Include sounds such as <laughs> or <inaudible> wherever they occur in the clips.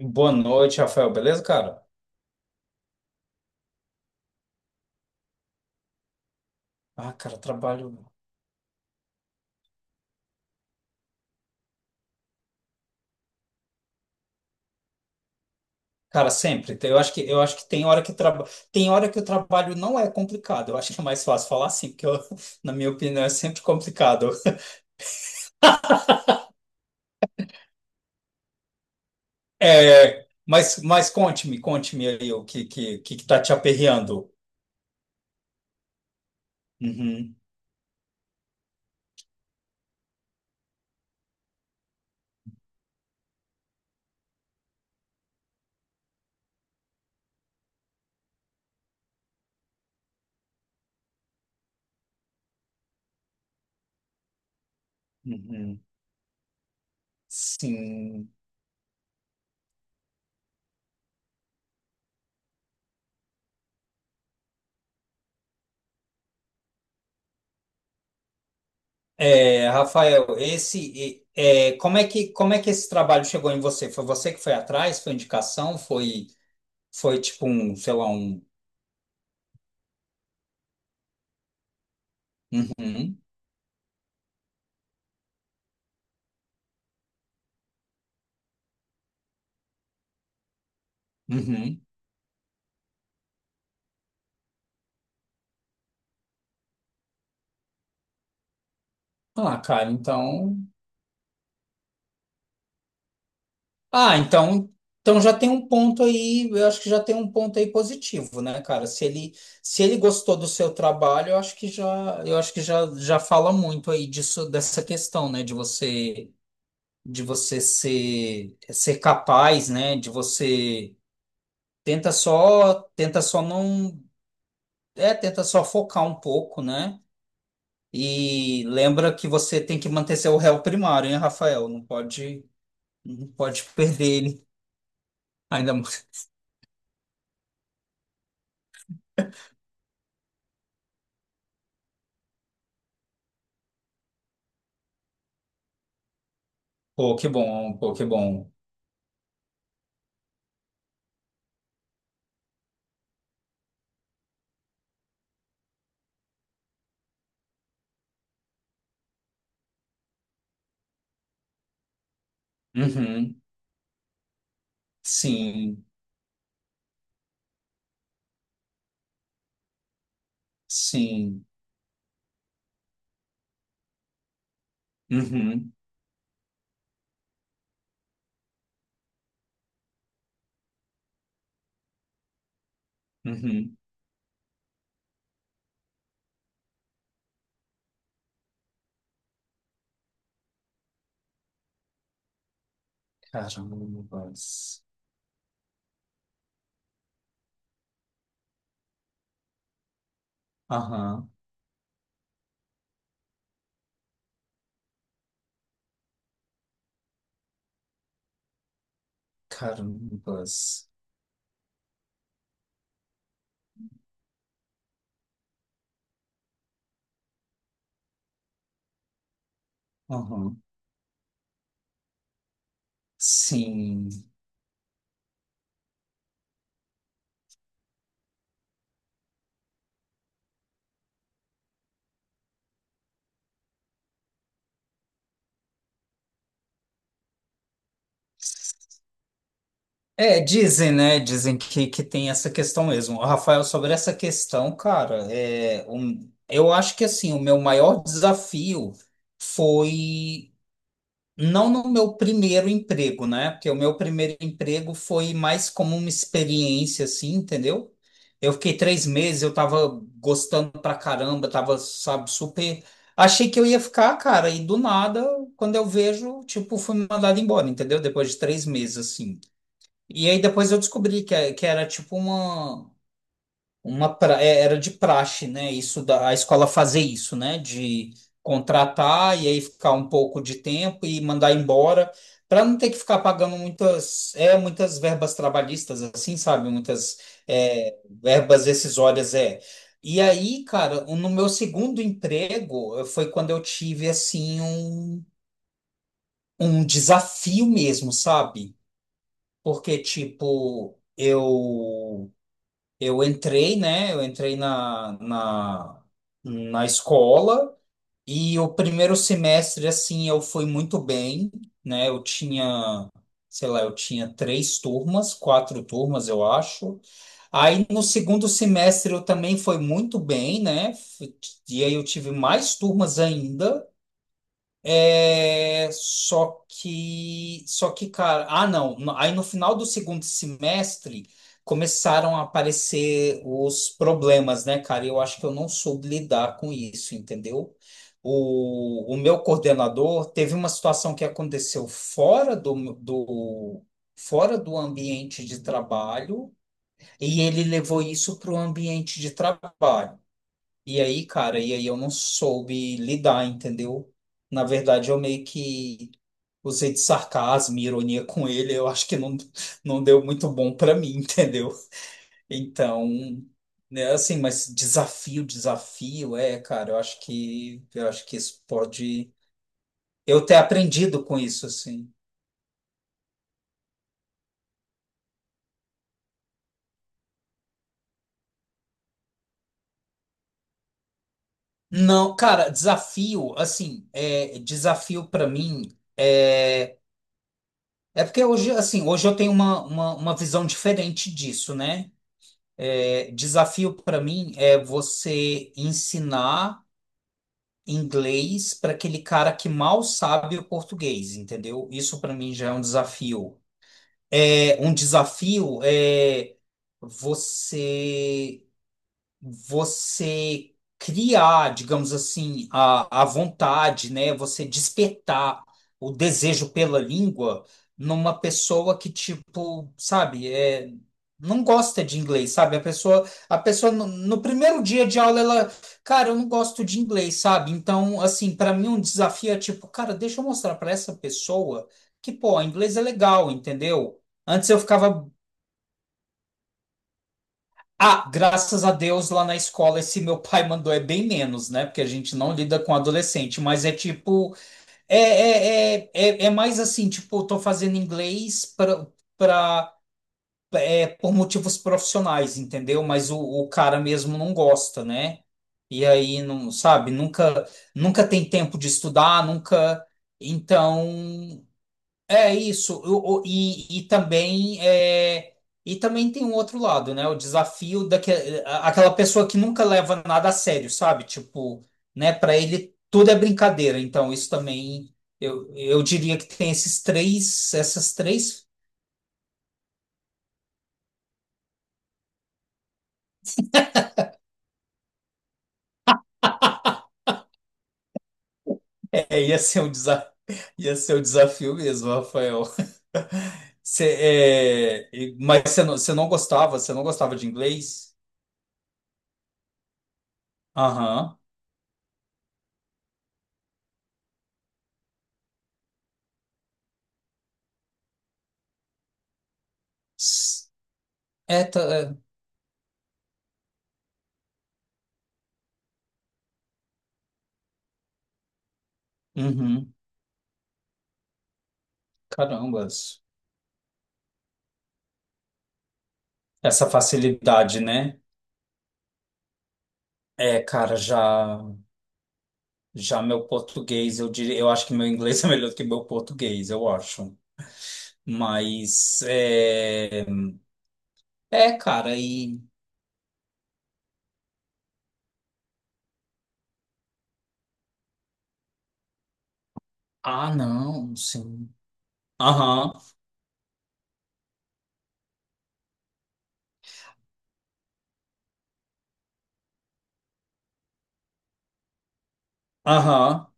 Boa noite, Rafael. Beleza, cara? Ah, cara, trabalho. Cara, sempre. Eu acho que tem hora que o trabalho não é complicado. Eu acho que é mais fácil falar assim, <laughs> na minha opinião é sempre complicado. <laughs> É, mas conte-me aí o que tá te aperreando. Uhum, uhum. Sim. É, Rafael, como é que esse trabalho chegou em você? Foi você que foi atrás? Foi indicação? Foi, foi tipo um, sei lá, um. Uhum. Uhum. Ah, cara, então. Ah, então, então já tem um ponto aí, eu acho que já tem um ponto aí positivo, né, cara? Se ele gostou do seu trabalho, eu acho que já fala muito aí disso, dessa questão, né, de você ser capaz, né, de você tenta só não, é, tenta só focar um pouco, né? E lembra que você tem que manter seu réu primário, hein, Rafael? Não pode perder ele. Ainda mais. Pô, que bom, pô, que bom. Uhum. Sim, sim. Uhum. Uhum. Carambas. Aham. Carambas. Aham. Sim. É, dizem, né? Dizem que tem essa questão mesmo. Rafael, sobre essa questão, cara, eu acho que assim, o meu maior desafio foi. Não no meu primeiro emprego, né? Porque o meu primeiro emprego foi mais como uma experiência, assim, entendeu? Eu fiquei três meses, eu tava gostando pra caramba, tava, sabe, super. Achei que eu ia ficar, cara, e do nada, quando eu vejo, tipo, fui mandado embora, entendeu? Depois de três meses, assim. E aí depois eu descobri que era tipo uma. Era de praxe, né? A escola fazer isso, né? De contratar e aí ficar um pouco de tempo e mandar embora, para não ter que ficar pagando muitas verbas trabalhistas, assim, sabe? Muitas verbas rescisórias, é. E aí, cara, no meu segundo emprego foi quando eu tive, assim, um desafio mesmo, sabe? Porque, tipo, eu. Eu entrei, né? Eu entrei na escola e o primeiro semestre, assim, eu fui muito bem, né? Eu tinha, sei lá, eu tinha três turmas, quatro turmas, eu acho. Aí no segundo semestre eu também fui muito bem, né? E aí eu tive mais turmas ainda. É, só que, cara, aí no final do segundo semestre começaram a aparecer os problemas, né, cara? Eu acho que eu não soube lidar com isso, entendeu? O meu coordenador teve uma situação que aconteceu fora do ambiente de trabalho e ele levou isso para o ambiente de trabalho. E aí, cara, e aí eu não soube lidar, entendeu? Na verdade, eu meio que usei de sarcasmo e ironia com ele. Eu acho que não deu muito bom pra mim, <laughs> entendeu? Então, né, assim, mas desafio, desafio, é, cara, eu acho que isso pode eu ter aprendido com isso, assim. Não, cara, desafio, assim, é, desafio pra mim é, é porque hoje, assim, hoje eu tenho uma visão diferente disso, né? É, desafio para mim é você ensinar inglês para aquele cara que mal sabe o português, entendeu? Isso para mim já é um desafio. É, um desafio é você você criar, digamos assim, a vontade, né? Você despertar o desejo pela língua numa pessoa que, tipo, sabe, é, não gosta de inglês, sabe? A pessoa no primeiro dia de aula, ela, cara, eu não gosto de inglês, sabe? Então, assim, para mim um desafio é tipo, cara, deixa eu mostrar para essa pessoa que, pô, inglês é legal, entendeu? Antes eu ficava ah, graças a Deus lá na escola esse meu pai mandou é bem menos, né? Porque a gente não lida com adolescente, mas é tipo, é mais assim, tipo, eu tô fazendo inglês pra, por motivos profissionais, entendeu? Mas o cara mesmo não gosta, né? E aí, não, sabe, nunca tem tempo de estudar, nunca. Então, é isso, e também é, e também tem um outro lado, né? O desafio daquela aquela pessoa que nunca leva nada a sério, sabe? Tipo, né? Para ele tudo é brincadeira. Então isso também eu diria que tem esses três, essas três. É, <laughs> ia ser um desafio, <laughs> ia ser um desafio mesmo, Rafael. <laughs> Cê, mas você não gostava de inglês? Aham. S- É, tá, é. Uhum. Carambas. Essa facilidade, né? É, cara, já meu português, eu diria, eu acho que meu inglês <laughs> é melhor do que meu português, eu acho. Mas é, é, cara, e ah, não, sim. Aham. Aham.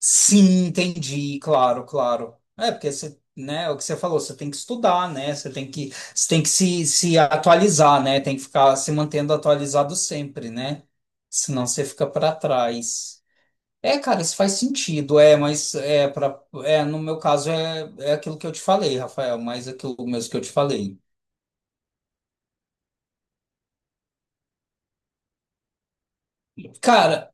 Sim, entendi, claro, claro. É, porque você, né, é o que você falou, você tem que estudar, né? Você tem que se atualizar, né? Tem que ficar se mantendo atualizado sempre, né? Senão você fica para trás. É, cara, isso faz sentido, é, no meu caso é aquilo que eu te falei, Rafael, mas aquilo mesmo que eu te falei. Cara,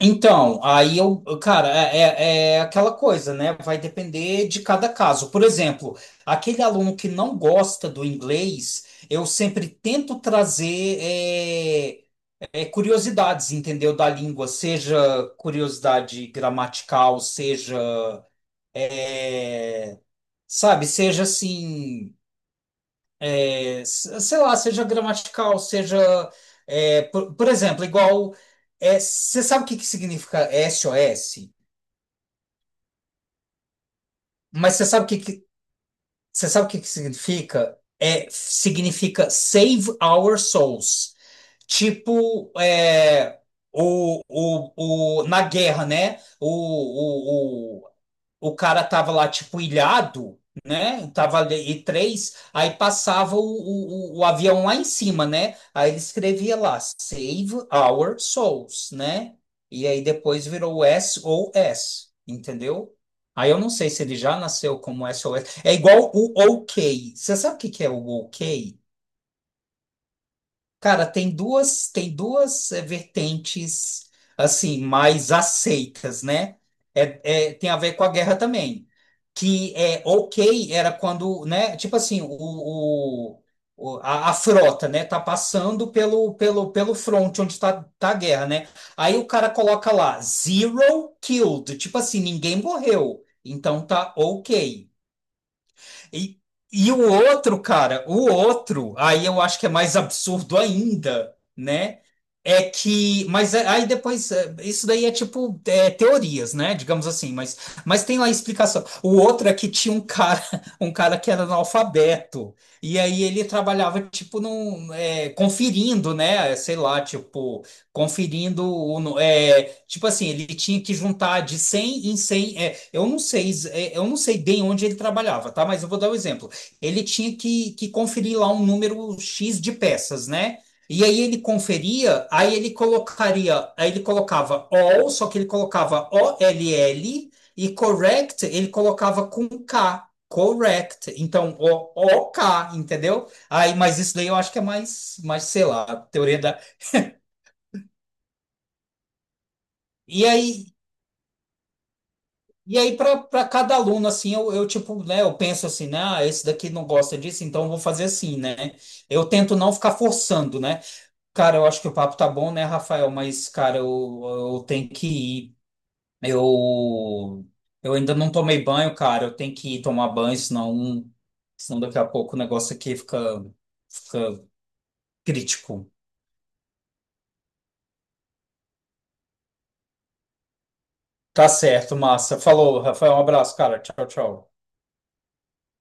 então, aí eu, cara, é, é é aquela coisa, né? Vai depender de cada caso. Por exemplo, aquele aluno que não gosta do inglês, eu sempre tento trazer curiosidades, entendeu? Da língua, seja curiosidade gramatical, é, sabe, seja assim. Seja gramatical, por exemplo, igual, é, você sabe o que que significa SOS, mas você sabe o que que, você sabe o que que significa? É, significa Save Our Souls. Tipo, é, o, na guerra, né? O, o cara tava lá, tipo, ilhado, né? Tava ali, aí passava o avião lá em cima, né? Aí ele escrevia lá, Save Our Souls, né? E aí depois virou S O S, entendeu? Aí eu não sei se ele já nasceu como S O S. É igual o OK. Você sabe o que que é o OK? Cara, tem duas vertentes assim mais aceitas, né? Tem a ver com a guerra também, que é ok era quando, né? Tipo assim, a frota, né? Tá passando pelo front onde tá a guerra, né? Aí o cara coloca lá zero killed, tipo assim, ninguém morreu, então tá ok. E, e o outro, cara, o outro, aí eu acho que é mais absurdo ainda, né? Aí depois, é, isso daí é teorias, né? Digamos assim, mas tem lá a explicação. O outro é que tinha um cara, <laughs> um cara que era analfabeto, e aí ele trabalhava, tipo, conferindo, né? Sei lá, tipo conferindo tipo assim ele tinha que juntar de 100 em 100 eu não sei bem onde ele trabalhava tá mas eu vou dar um exemplo ele tinha que conferir lá um número X de peças né e aí ele conferia aí ele colocava all só que ele colocava o l l e correct ele colocava com K correct então o OK entendeu aí mas isso daí eu acho que é mais sei lá teoria da e aí, E aí, para cada aluno, assim, eu tipo, né, eu penso assim, né, ah, esse daqui não gosta disso, então eu vou fazer assim, né? Eu tento não ficar forçando, né? Cara, eu acho que o papo tá bom, né, Rafael? Mas, cara, eu tenho que ir. Eu, eu ainda não tomei banho, cara, eu tenho que ir tomar banho, senão daqui a pouco o negócio aqui fica, fica crítico. Tá certo, massa. Falou, Rafael, um abraço, cara. Tchau, tchau.